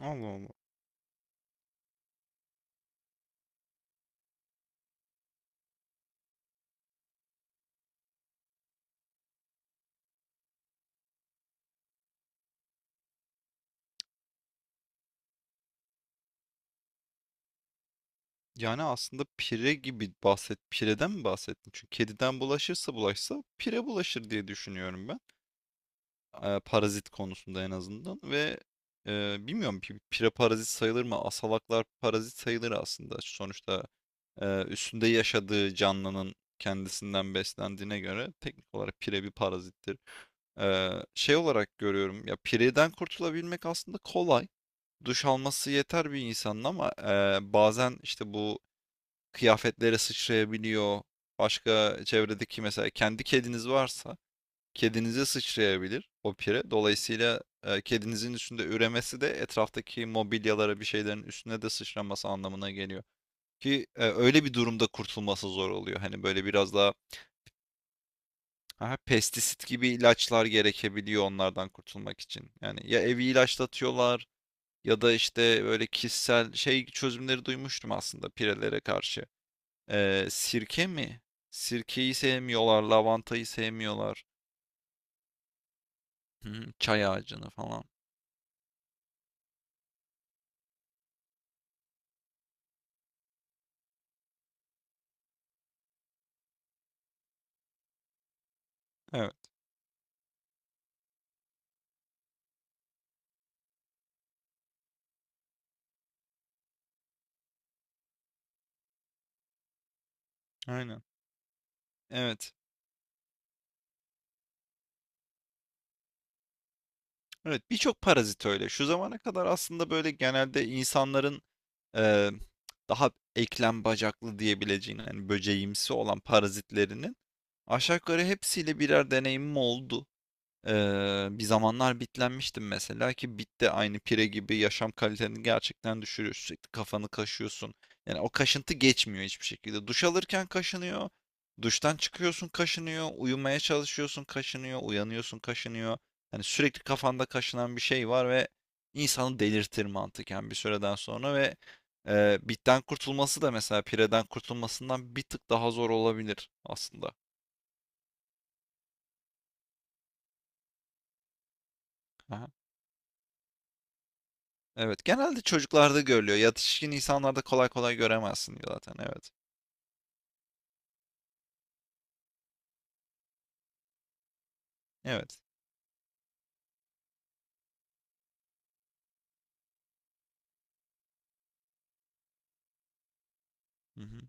Allah Allah. Yani aslında pireden mi bahsettin? Çünkü kediden bulaşırsa bulaşsa pire bulaşır diye düşünüyorum ben. Parazit konusunda en azından ve bilmiyorum pire parazit sayılır mı? Asalaklar parazit sayılır aslında. Sonuçta üstünde yaşadığı canlının kendisinden beslendiğine göre teknik olarak pire bir parazittir. Ee, Şey olarak görüyorum ya, pireden kurtulabilmek aslında kolay. Duş alması yeter bir insanın, ama bazen işte bu kıyafetlere sıçrayabiliyor. Başka çevredeki mesela kendi kediniz varsa kedinize sıçrayabilir o pire. Dolayısıyla kedinizin üstünde üremesi de etraftaki mobilyalara, bir şeylerin üstüne de sıçraması anlamına geliyor. Ki öyle bir durumda kurtulması zor oluyor. Hani böyle biraz daha aha, pestisit gibi ilaçlar gerekebiliyor onlardan kurtulmak için. Yani ya evi ilaçlatıyorlar ya da işte böyle kişisel şey çözümleri duymuştum aslında pirelere karşı. Sirke mi? Sirkeyi sevmiyorlar, lavantayı sevmiyorlar. Hı hı, çay ağacını falan. Evet, aynen. Evet. Evet, birçok parazit öyle. Şu zamana kadar aslında böyle genelde insanların e, daha eklem bacaklı diyebileceğin, yani böceğimsi olan parazitlerinin aşağı yukarı hepsiyle birer deneyimim oldu. Bir zamanlar bitlenmiştim mesela, ki bit de aynı pire gibi yaşam kaliteni gerçekten düşürüyor. Sürekli kafanı kaşıyorsun. Yani o kaşıntı geçmiyor hiçbir şekilde. Duş alırken kaşınıyor. Duştan çıkıyorsun, kaşınıyor. Uyumaya çalışıyorsun, kaşınıyor. Uyanıyorsun, kaşınıyor. Yani sürekli kafanda kaşınan bir şey var ve insanı delirtir mantıken bir süreden sonra. Ve bitten kurtulması da mesela pireden kurtulmasından bir tık daha zor olabilir aslında. Aha. Evet, genelde çocuklarda görülüyor. Yetişkin insanlarda kolay kolay göremezsin zaten. Evet. Evet. Hı hı.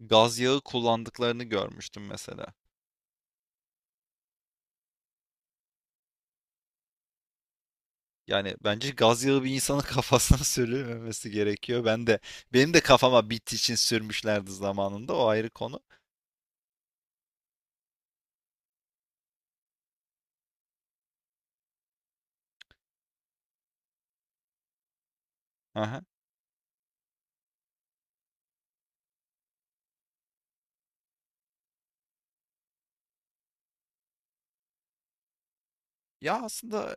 Gaz yağı kullandıklarını görmüştüm mesela. Yani bence gaz yağı bir insanın kafasına sürülmemesi gerekiyor. Ben de benim de kafama bittiği için sürmüşlerdi zamanında. O ayrı konu. Aha. Ya aslında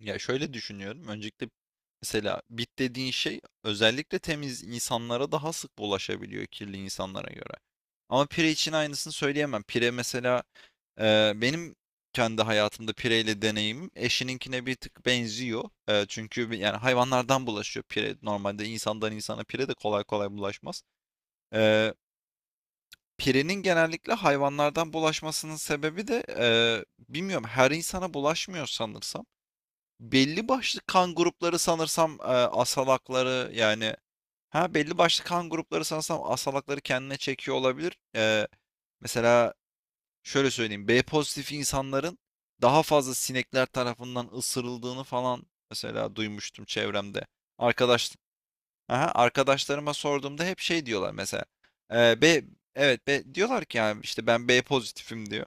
Ya şöyle düşünüyorum. Öncelikle mesela bit dediğin şey özellikle temiz insanlara daha sık bulaşabiliyor kirli insanlara göre. Ama pire için aynısını söyleyemem. Pire mesela benim kendi hayatımda pireyle deneyimim eşininkine bir tık benziyor. Çünkü yani hayvanlardan bulaşıyor pire. Normalde insandan insana pire de kolay kolay bulaşmaz. E, Pirenin genellikle hayvanlardan bulaşmasının sebebi de bilmiyorum, her insana bulaşmıyor sanırsam. Belli başlı kan grupları sanırsam, asalakları yani. Ha, belli başlı kan grupları sanırsam asalakları kendine çekiyor olabilir. Mesela şöyle söyleyeyim. B pozitif insanların daha fazla sinekler tarafından ısırıldığını falan mesela duymuştum çevremde. Arkadaş Aha, arkadaşlarıma sorduğumda hep şey diyorlar mesela. B, evet, B diyorlar ki, yani işte ben B pozitifim diyor.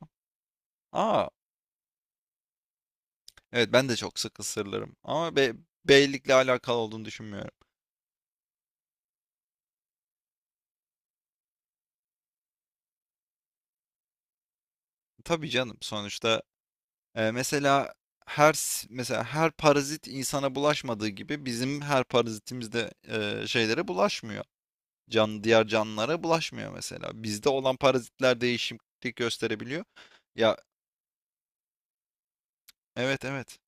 Aa, evet, ben de çok sık ısırılırım ama B'likle alakalı olduğunu düşünmüyorum. Tabii canım, sonuçta mesela mesela her parazit insana bulaşmadığı gibi bizim her parazitimiz de şeylere bulaşmıyor. Can diğer canlılara bulaşmıyor mesela. Bizde olan parazitler değişiklik gösterebiliyor. Ya, evet evet.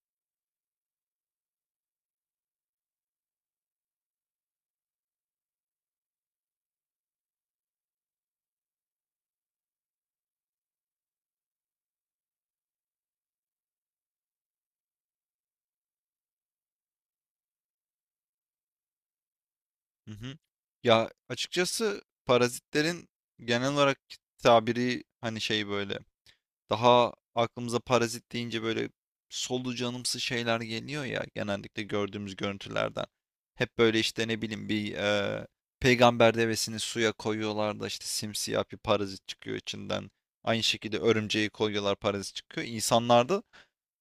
Hı hı. Ya, açıkçası parazitlerin genel olarak tabiri hani şey, böyle daha aklımıza parazit deyince böyle solucanımsı şeyler geliyor ya, genellikle gördüğümüz görüntülerden. Hep böyle işte ne bileyim, bir peygamber devesini suya koyuyorlar da işte simsiyah bir parazit çıkıyor içinden. Aynı şekilde örümceği koyuyorlar, parazit çıkıyor. İnsanlarda,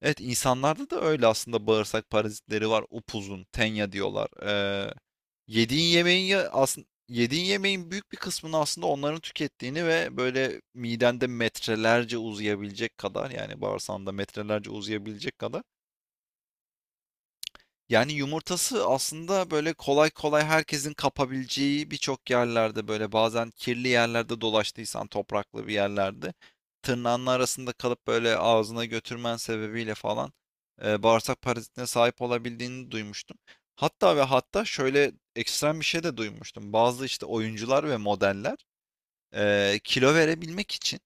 evet, insanlarda da öyle aslında. Bağırsak parazitleri var, upuzun, tenya diyorlar. Yediğin yemeğin, ya aslında yediğin yemeğin büyük bir kısmını aslında onların tükettiğini ve böyle midende metrelerce uzayabilecek kadar, yani bağırsağında metrelerce uzayabilecek kadar, yani yumurtası aslında böyle kolay kolay herkesin kapabileceği birçok yerlerde, böyle bazen kirli yerlerde dolaştıysan, topraklı bir yerlerde tırnağının arasında kalıp böyle ağzına götürmen sebebiyle falan bağırsak parazitine sahip olabildiğini duymuştum. Hatta ve hatta şöyle ekstrem bir şey de duymuştum. Bazı işte oyuncular ve modeller kilo verebilmek için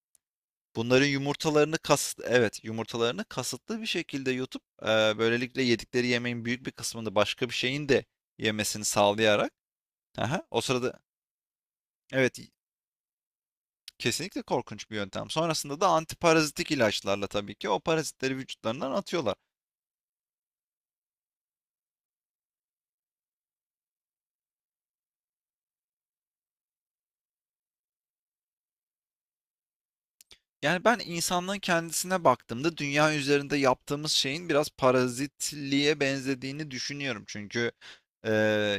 bunların yumurtalarını evet, yumurtalarını kasıtlı bir şekilde yutup böylelikle yedikleri yemeğin büyük bir kısmını başka bir şeyin de yemesini sağlayarak aha, o sırada, evet, kesinlikle korkunç bir yöntem. Sonrasında da antiparazitik ilaçlarla tabii ki o parazitleri vücutlarından atıyorlar. Yani ben insanlığın kendisine baktığımda dünya üzerinde yaptığımız şeyin biraz parazitliğe benzediğini düşünüyorum. Çünkü e,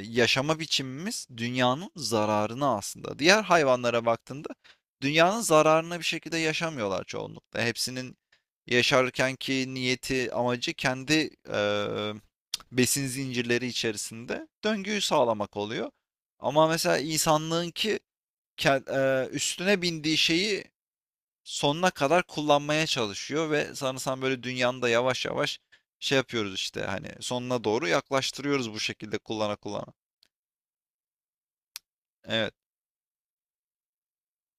yaşama biçimimiz dünyanın zararına aslında. Diğer hayvanlara baktığında dünyanın zararına bir şekilde yaşamıyorlar çoğunlukla. Hepsinin yaşarkenki niyeti, amacı kendi besin zincirleri içerisinde döngüyü sağlamak oluyor. Ama mesela insanlığınki ke- üstüne bindiği şeyi sonuna kadar kullanmaya çalışıyor ve sanırsam böyle dünyanın da yavaş yavaş şey yapıyoruz işte, hani sonuna doğru yaklaştırıyoruz bu şekilde kullana kullana. Evet.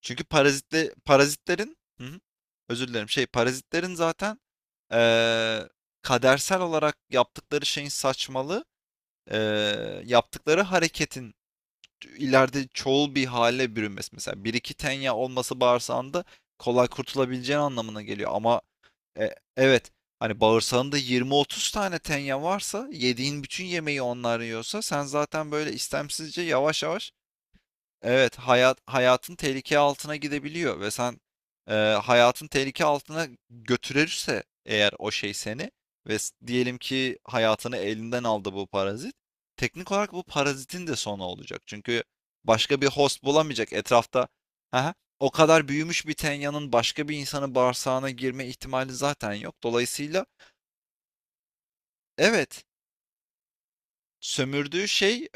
Çünkü parazitle Parazitlerin hı hı, özür dilerim, şey, parazitlerin zaten eee, kadersel olarak yaptıkları şeyin saçmalığı, yaptıkları hareketin ileride çoğul bir hale bürünmesi. Mesela bir iki tenya olması bağırsağında kolay kurtulabileceğin anlamına geliyor ama E, evet. Hani bağırsağında 20-30 tane tenya varsa, yediğin bütün yemeği onlar yiyorsa, sen zaten böyle istemsizce yavaş yavaş, evet, hayatın tehlike altına gidebiliyor. Ve sen, eee, hayatın tehlike altına götürürse eğer o şey seni, ve diyelim ki hayatını elinden aldı bu parazit. Teknik olarak bu parazitin de sonu olacak. Çünkü başka bir host bulamayacak etrafta. Aha, o kadar büyümüş bir tenyanın başka bir insanın bağırsağına girme ihtimali zaten yok. Dolayısıyla evet, sömürdüğü şey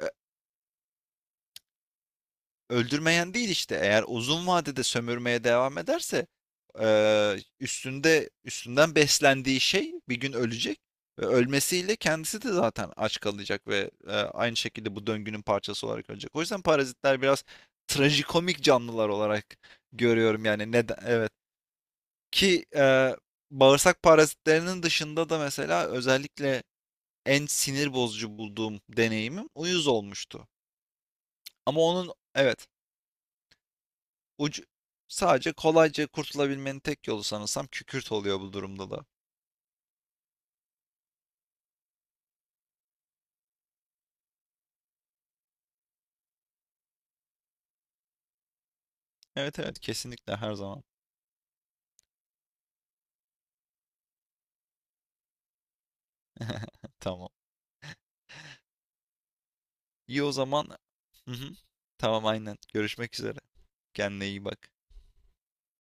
öldürmeyen değil işte. Eğer uzun vadede sömürmeye devam ederse üstünden beslendiği şey bir gün ölecek ve ölmesiyle kendisi de zaten aç kalacak ve aynı şekilde bu döngünün parçası olarak ölecek. O yüzden parazitler biraz trajikomik canlılar olarak görüyorum yani, neden, evet ki bağırsak parazitlerinin dışında da mesela özellikle en sinir bozucu bulduğum deneyimim uyuz olmuştu. Ama onun, evet, ucu, sadece kolayca kurtulabilmenin tek yolu sanırsam kükürt oluyor bu durumda da. Evet evet, kesinlikle her zaman. Tamam. İyi o zaman. Hı hı. Tamam aynen. Görüşmek üzere. Kendine iyi bak.